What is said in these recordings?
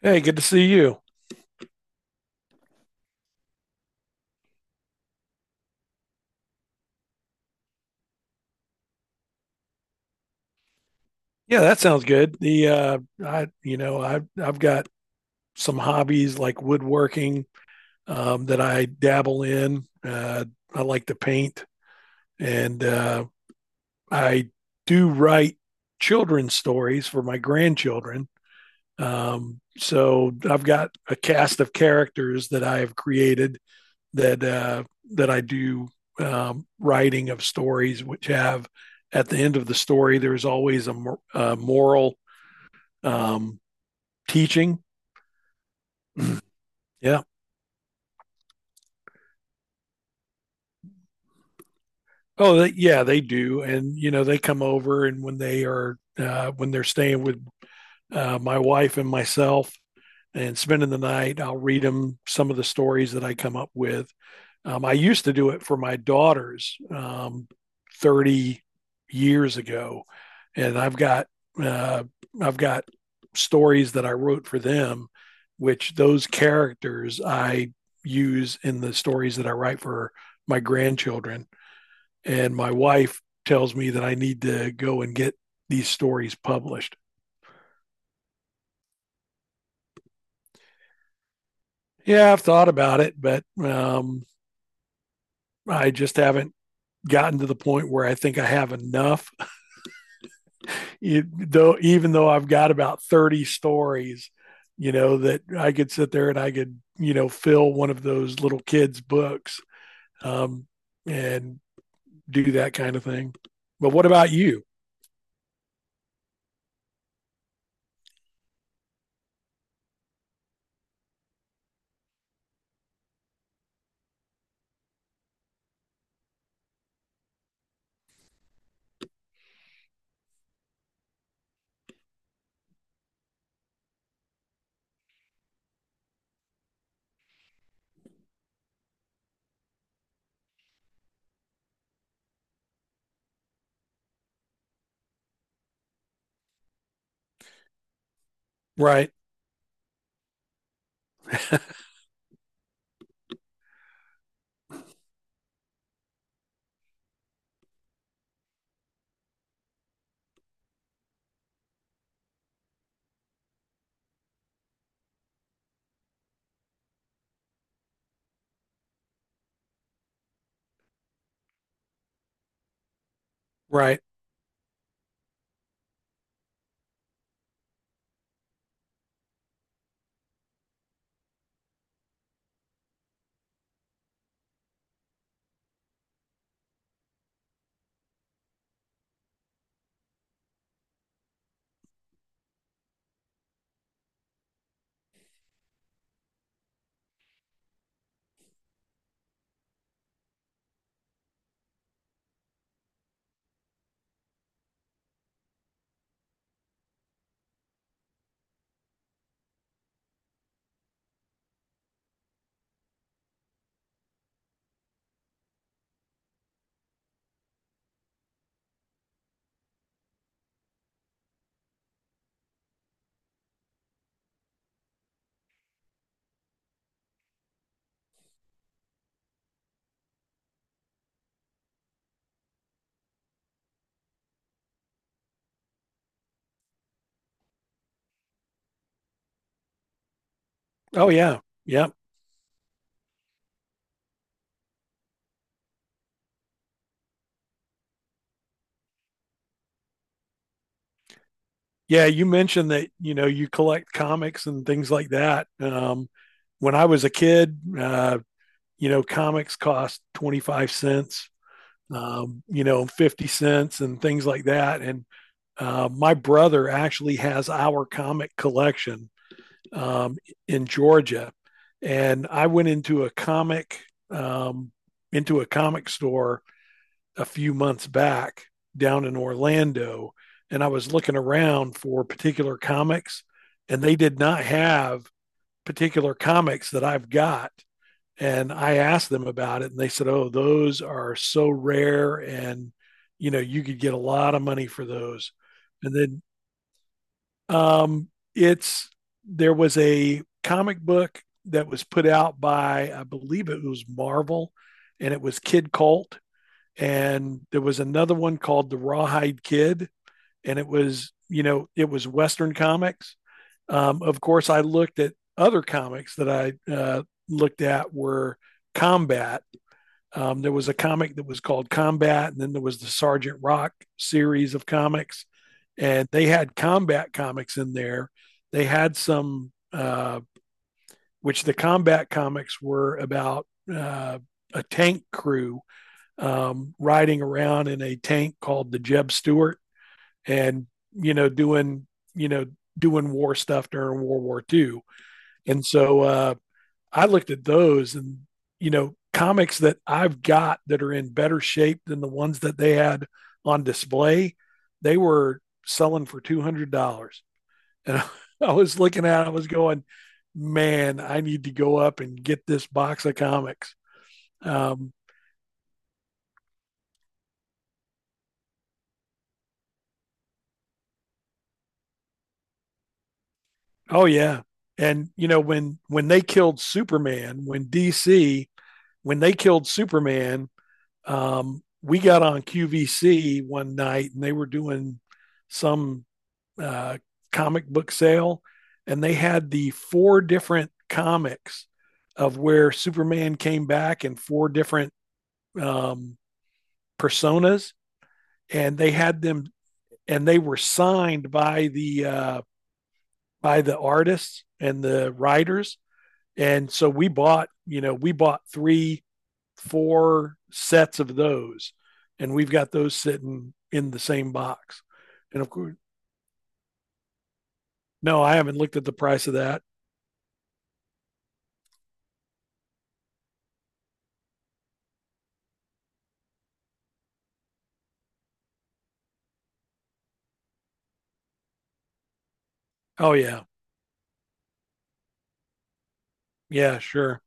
Hey, good to see you. Yeah, that sounds good. The I you know, I I've got some hobbies like woodworking that I dabble in. I like to paint and I do write children's stories for my grandchildren. So I've got a cast of characters that I have created that uh that I do writing of stories which have at the end of the story there's always a moral um, teaching. Yeah. Oh, they, yeah, they do. And you know, they come over, and when they are when they're staying with my wife and myself and spending the night. I'll read them some of the stories that I come up with. I used to do it for my daughters 30 years ago, and uh, I've got stories that I wrote for them, which those characters I use in the stories that I write for my grandchildren. And my wife tells me that I need to go and get these stories published. Yeah, I've thought about it, but I just haven't gotten to the point where I think I have enough. You, though, even though I've got about 30 stories, you know that I could sit there and I could you know fill one of those little kids' books, um, and do that kind of thing. But what about you? Right, right. Oh yeah, yeah, yeah. You mentioned that you know you collect comics and things like that. When I was a kid, you know, comics cost 25 cents, you know, 50 cents and things like that. And my brother actually has our comic collection, um, in Georgia. And I went um, into a comic store a few months back down in Orlando. And I was looking around for particular comics and they did not have particular comics that I've got, and I asked them about it, and they said, "Oh, those are so rare, and you know you could get a lot of money for those." And then um, it's there was a comic book that was put out by I believe it was Marvel, and it was Kid Colt, and there was another one called the Rawhide Kid, and it was you know it was Western comics. Of course, I looked at other comics that I looked at were Combat there was a comic that was called Combat, and then there was the Sergeant Rock series of comics, and they had combat comics in there. They had which the combat comics were about uh, a tank crew, riding around in a tank called the Jeb Stuart, and you know doing you know doing war stuff during World War Two. And so I looked at those and, you know, comics that I've got that are in better shape than the ones that they had on display, they were selling for $200. And I was looking at it, I was going, man, I need to go up and get this box of comics. Um, oh, yeah. And, you know, when they killed Superman, when DC, when they killed Superman, we got on QVC one night and they were doing some uh, comic book sale, and they had the four different comics of where Superman came back in four different um, personas, and they had them, and they were signed by the artists and the writers, and so we bought, you know, four sets of those, and we've got those sitting in the same box, and of course, no, I haven't looked at the price of that. Oh yeah, yeah, sure.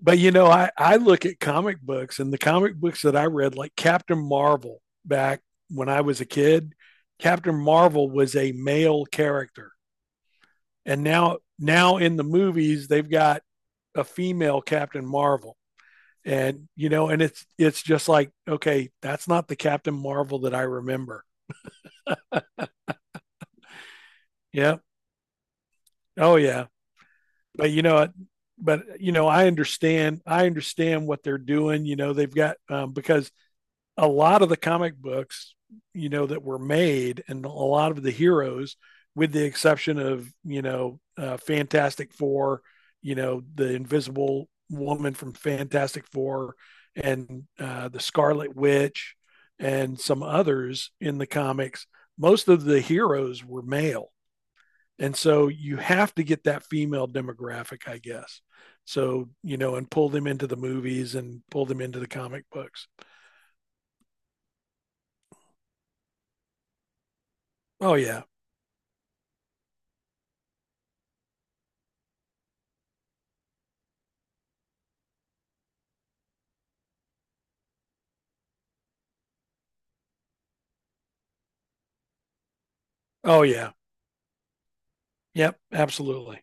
But you know, I look at comic books and the comic books that I read, like Captain Marvel back when I was a kid. Captain Marvel was a male character, and now in the movies they've got a female Captain Marvel, and you know, and it's just like okay, that's not the Captain Marvel that I remember. Yeah, oh yeah, but you know, but you know, I understand what they're doing. You know, they've got because a lot of the comic books, you know, that were made and a lot of the heroes, with the exception of, you know, Fantastic Four, you know, the Invisible Woman from Fantastic Four and the Scarlet Witch and some others in the comics, most of the heroes were male. And so you have to get that female demographic, I guess. So, you know, and pull them into the movies and pull them into the comic books. Oh, yeah. Oh, yeah. Yep, absolutely.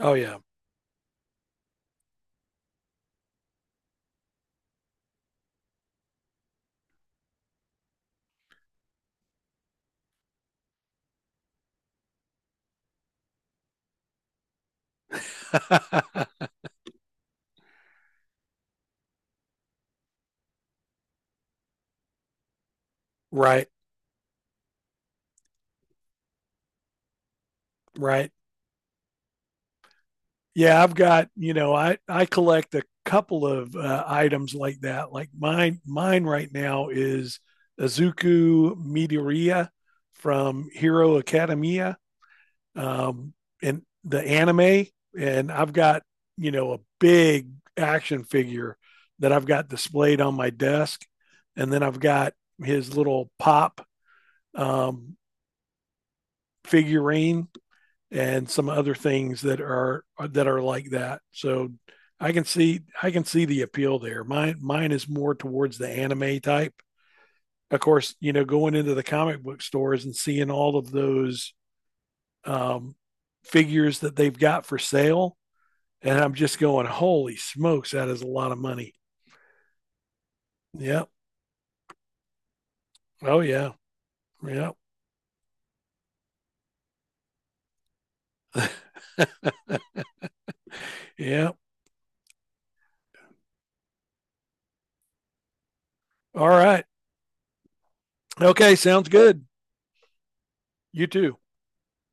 Oh yeah. right, right. Yeah, I've got, you know, I collect a couple of items like that. Like mine right now is Azuku Midoriya from Hero Academia um and the anime, and I've got, you know, a big action figure that I've got displayed on my desk, and then I've got his little pop um figurine and some other things that are like that. So I can see the appeal there. Mine is more towards the anime type. Of course, you know, going into the comic book stores and seeing all of those um, figures that they've got for sale, and I'm just going, holy smokes, that is a lot of money. Yeah. Oh yeah. Yeah. Yeah. All right. Okay. Sounds good. You too.